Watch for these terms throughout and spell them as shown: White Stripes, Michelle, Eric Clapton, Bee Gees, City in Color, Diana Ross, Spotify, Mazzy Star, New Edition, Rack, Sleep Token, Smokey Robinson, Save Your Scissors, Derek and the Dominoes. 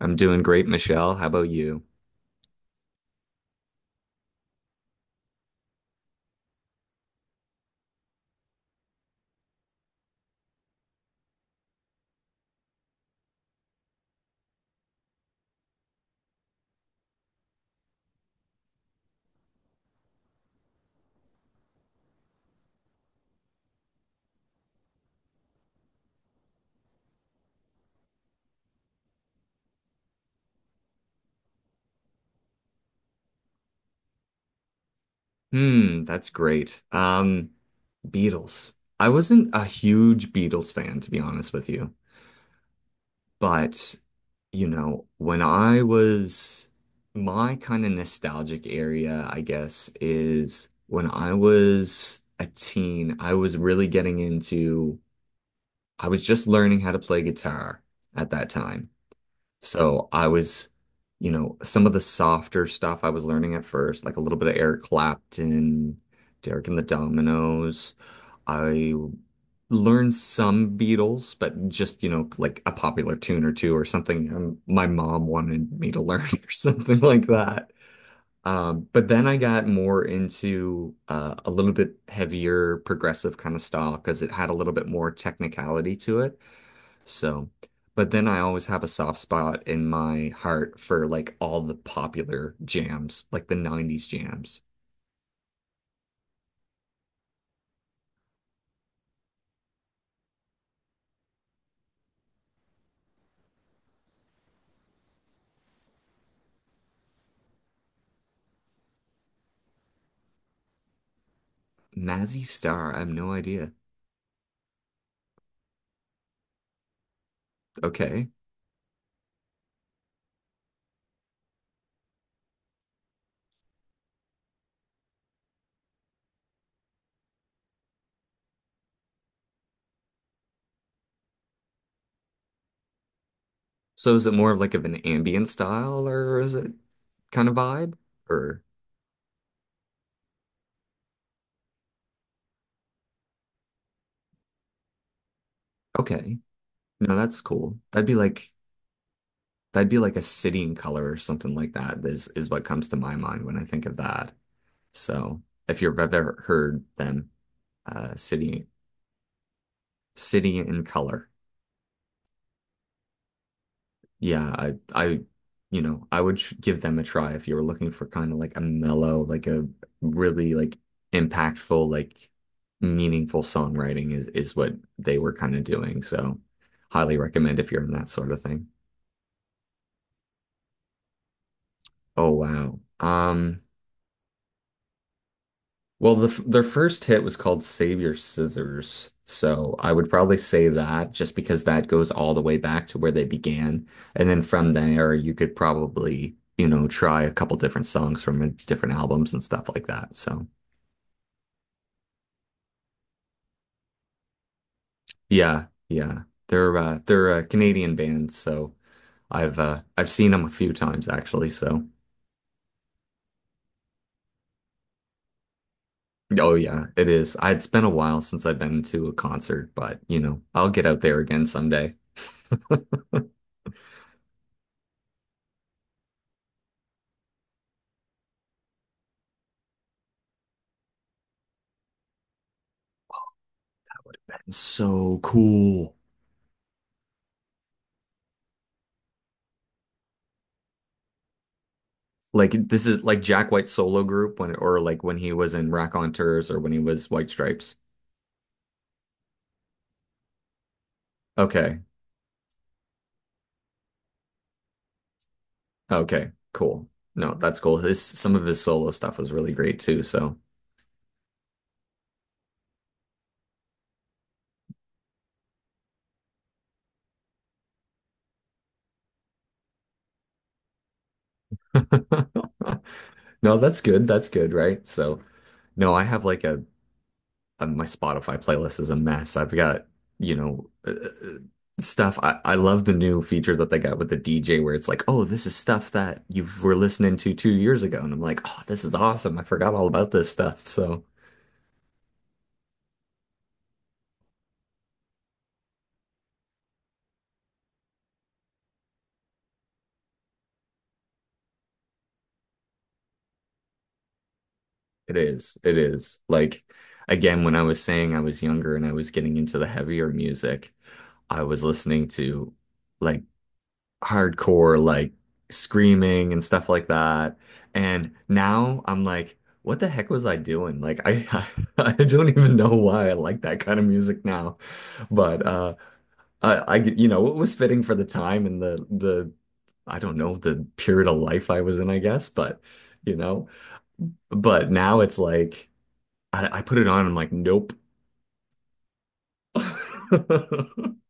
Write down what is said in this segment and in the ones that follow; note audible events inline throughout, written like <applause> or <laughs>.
I'm doing great, Michelle. How about you? Hmm, that's great. Beatles. I wasn't a huge Beatles fan, to be honest with you. But, you know, when I was my kind of nostalgic area, I guess, is when I was a teen, I was really getting I was just learning how to play guitar at that time. So I was, you know, some of the softer stuff I was learning at first, like a little bit of Eric Clapton, Derek and the Dominoes. I learned some Beatles, but just, you know, like a popular tune or two or something my mom wanted me to learn <laughs> or something like that. But then I got more into a little bit heavier progressive kind of style because it had a little bit more technicality to it. So, but then I always have a soft spot in my heart for like all the popular jams, like the 90s jams. Mazzy Star, I have no idea. Okay. So is it more of like of an ambient style or is it kind of vibe? Or okay. No, that's cool. That'd be that'd be like a city in color or something like that is what comes to my mind when I think of that. So if you've ever heard them, uh City City in Color. Yeah, I you know, I would sh give them a try if you were looking for kind of like a mellow, like a really like impactful, like meaningful songwriting is what they were kind of doing. So highly recommend if you're in that sort of thing. Oh wow. Well, their first hit was called Save Your Scissors. So I would probably say that just because that goes all the way back to where they began. And then from there, you could probably, you know, try a couple different songs from different albums and stuff like that. So yeah, yeah. They're a Canadian band, so I've seen them a few times actually. So oh yeah, it is. It's been a while since I've been to a concert, but you know, I'll get out there again someday. <laughs> So cool. Like this is like Jack White's solo group when or like when he was in Rack or when he was White Stripes. Okay. Okay. Cool. No, that's cool. His some of his solo stuff was really great too, so <laughs> No, that's good. That's good, right? So no, I have like a my Spotify playlist is a mess. I've got, you know, stuff. I love the new feature that they got with the DJ where it's like, oh, this is stuff that you were listening to 2 years ago. And I'm like, oh, this is awesome. I forgot all about this stuff. So it is. It is. Like, again, when I was saying I was younger and I was getting into the heavier music, I was listening to like hardcore, like screaming and stuff like that. And now I'm like, what the heck was I doing? Like, I <laughs> don't even know why I like that kind of music now. But I you know, it was fitting for the time and the I don't know, the period of life I was in, I guess, but you know, but now it's like I put it on. I'm like, nope. <laughs>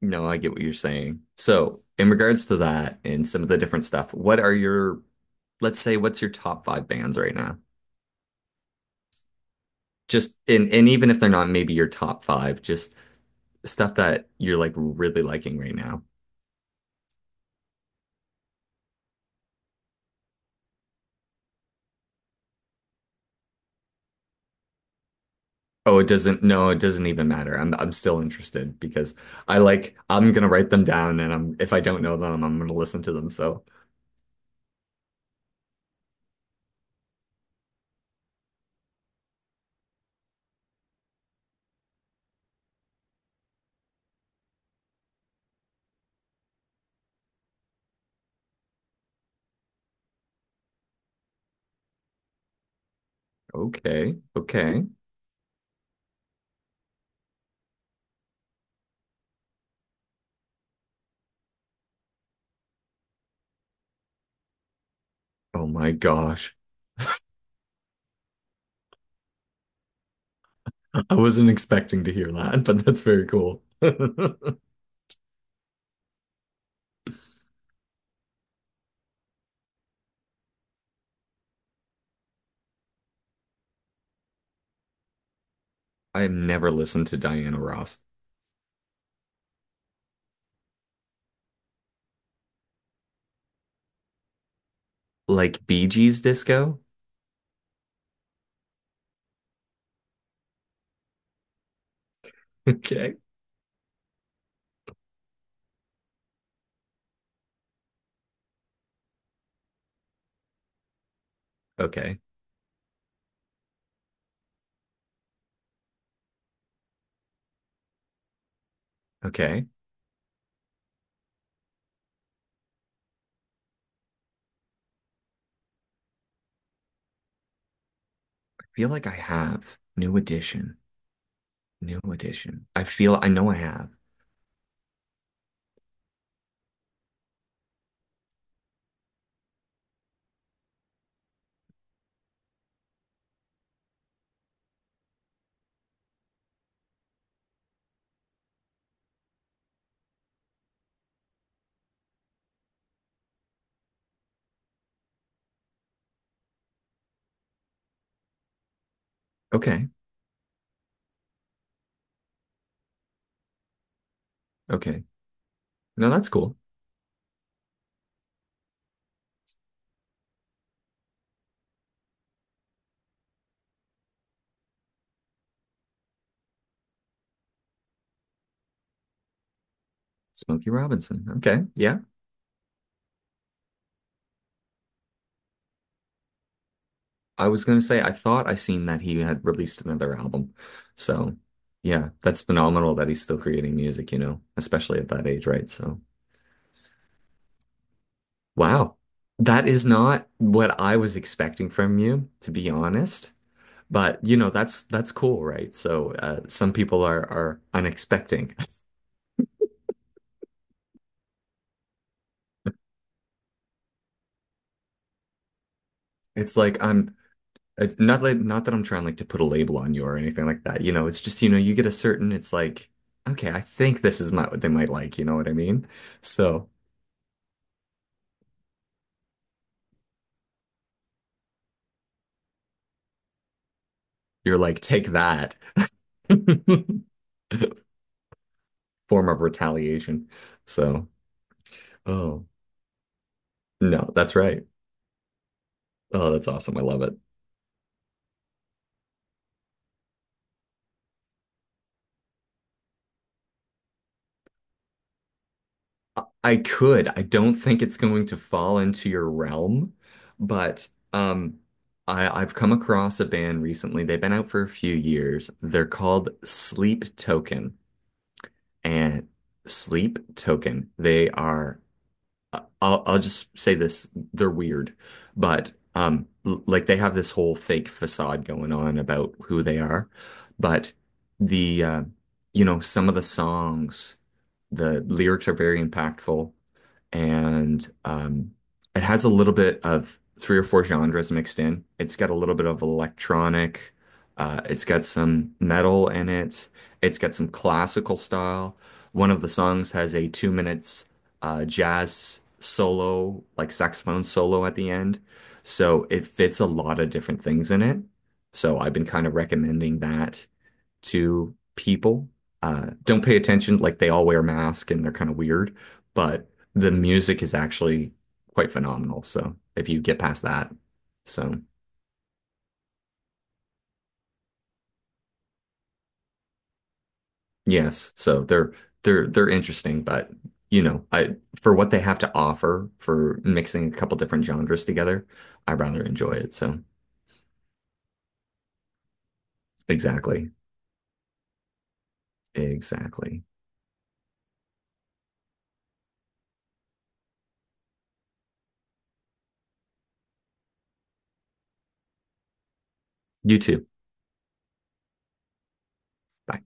No, I get what you're saying. So, in regards to that and some of the different stuff, what are your, let's say, what's your top five bands right now? Just and even if they're not maybe your top five, just stuff that you're like really liking right now. Oh, it doesn't, no, it doesn't even matter. I'm still interested because I like I'm gonna write them down and I'm if I don't know them, I'm gonna listen to them. So, okay, okay. Oh my gosh. I wasn't expecting to hear that, <laughs> but that's very cool. <laughs> I have never listened to Diana Ross. Like Bee Gees disco? Okay. Okay. Okay. I feel like I have. New edition. New edition. I feel I know I have. Okay. Okay. No, that's cool. Smokey Robinson. Okay. Yeah. I was gonna say I thought I seen that he had released another album. So yeah, that's phenomenal that he's still creating music, you know, especially at that age, right? So wow. That is not what I was expecting from you, to be honest. But you know, that's cool, right? So some people are unexpecting. <laughs> It's like I'm it's not like not that I'm trying like to put a label on you or anything like that. You know, it's just, you know, you get a certain, it's like, okay, I think this is not what they might like, you know what I mean? So you're like, take that <laughs> form of retaliation. So, oh no, that's right. Oh, that's awesome. I love it. I could. I don't think it's going to fall into your realm, but um, I've come across a band recently. They've been out for a few years. They're called Sleep Token and Sleep Token. They are. I- will I'll just say this. They're weird, but like they have this whole fake facade going on about who they are, but the you know some of the songs, the lyrics are very impactful and it has a little bit of three or four genres mixed in. It's got a little bit of electronic, it's got some metal in it, it's got some classical style. One of the songs has a 2 minutes jazz solo, like saxophone solo at the end. So it fits a lot of different things in it. So I've been kind of recommending that to people. Don't pay attention, like they all wear masks and they're kind of weird, but the music is actually quite phenomenal. So if you get past that, so yes, so they're they're interesting, but you know, I for what they have to offer for mixing a couple different genres together, I rather enjoy it. So exactly, exactly. You too. Bye.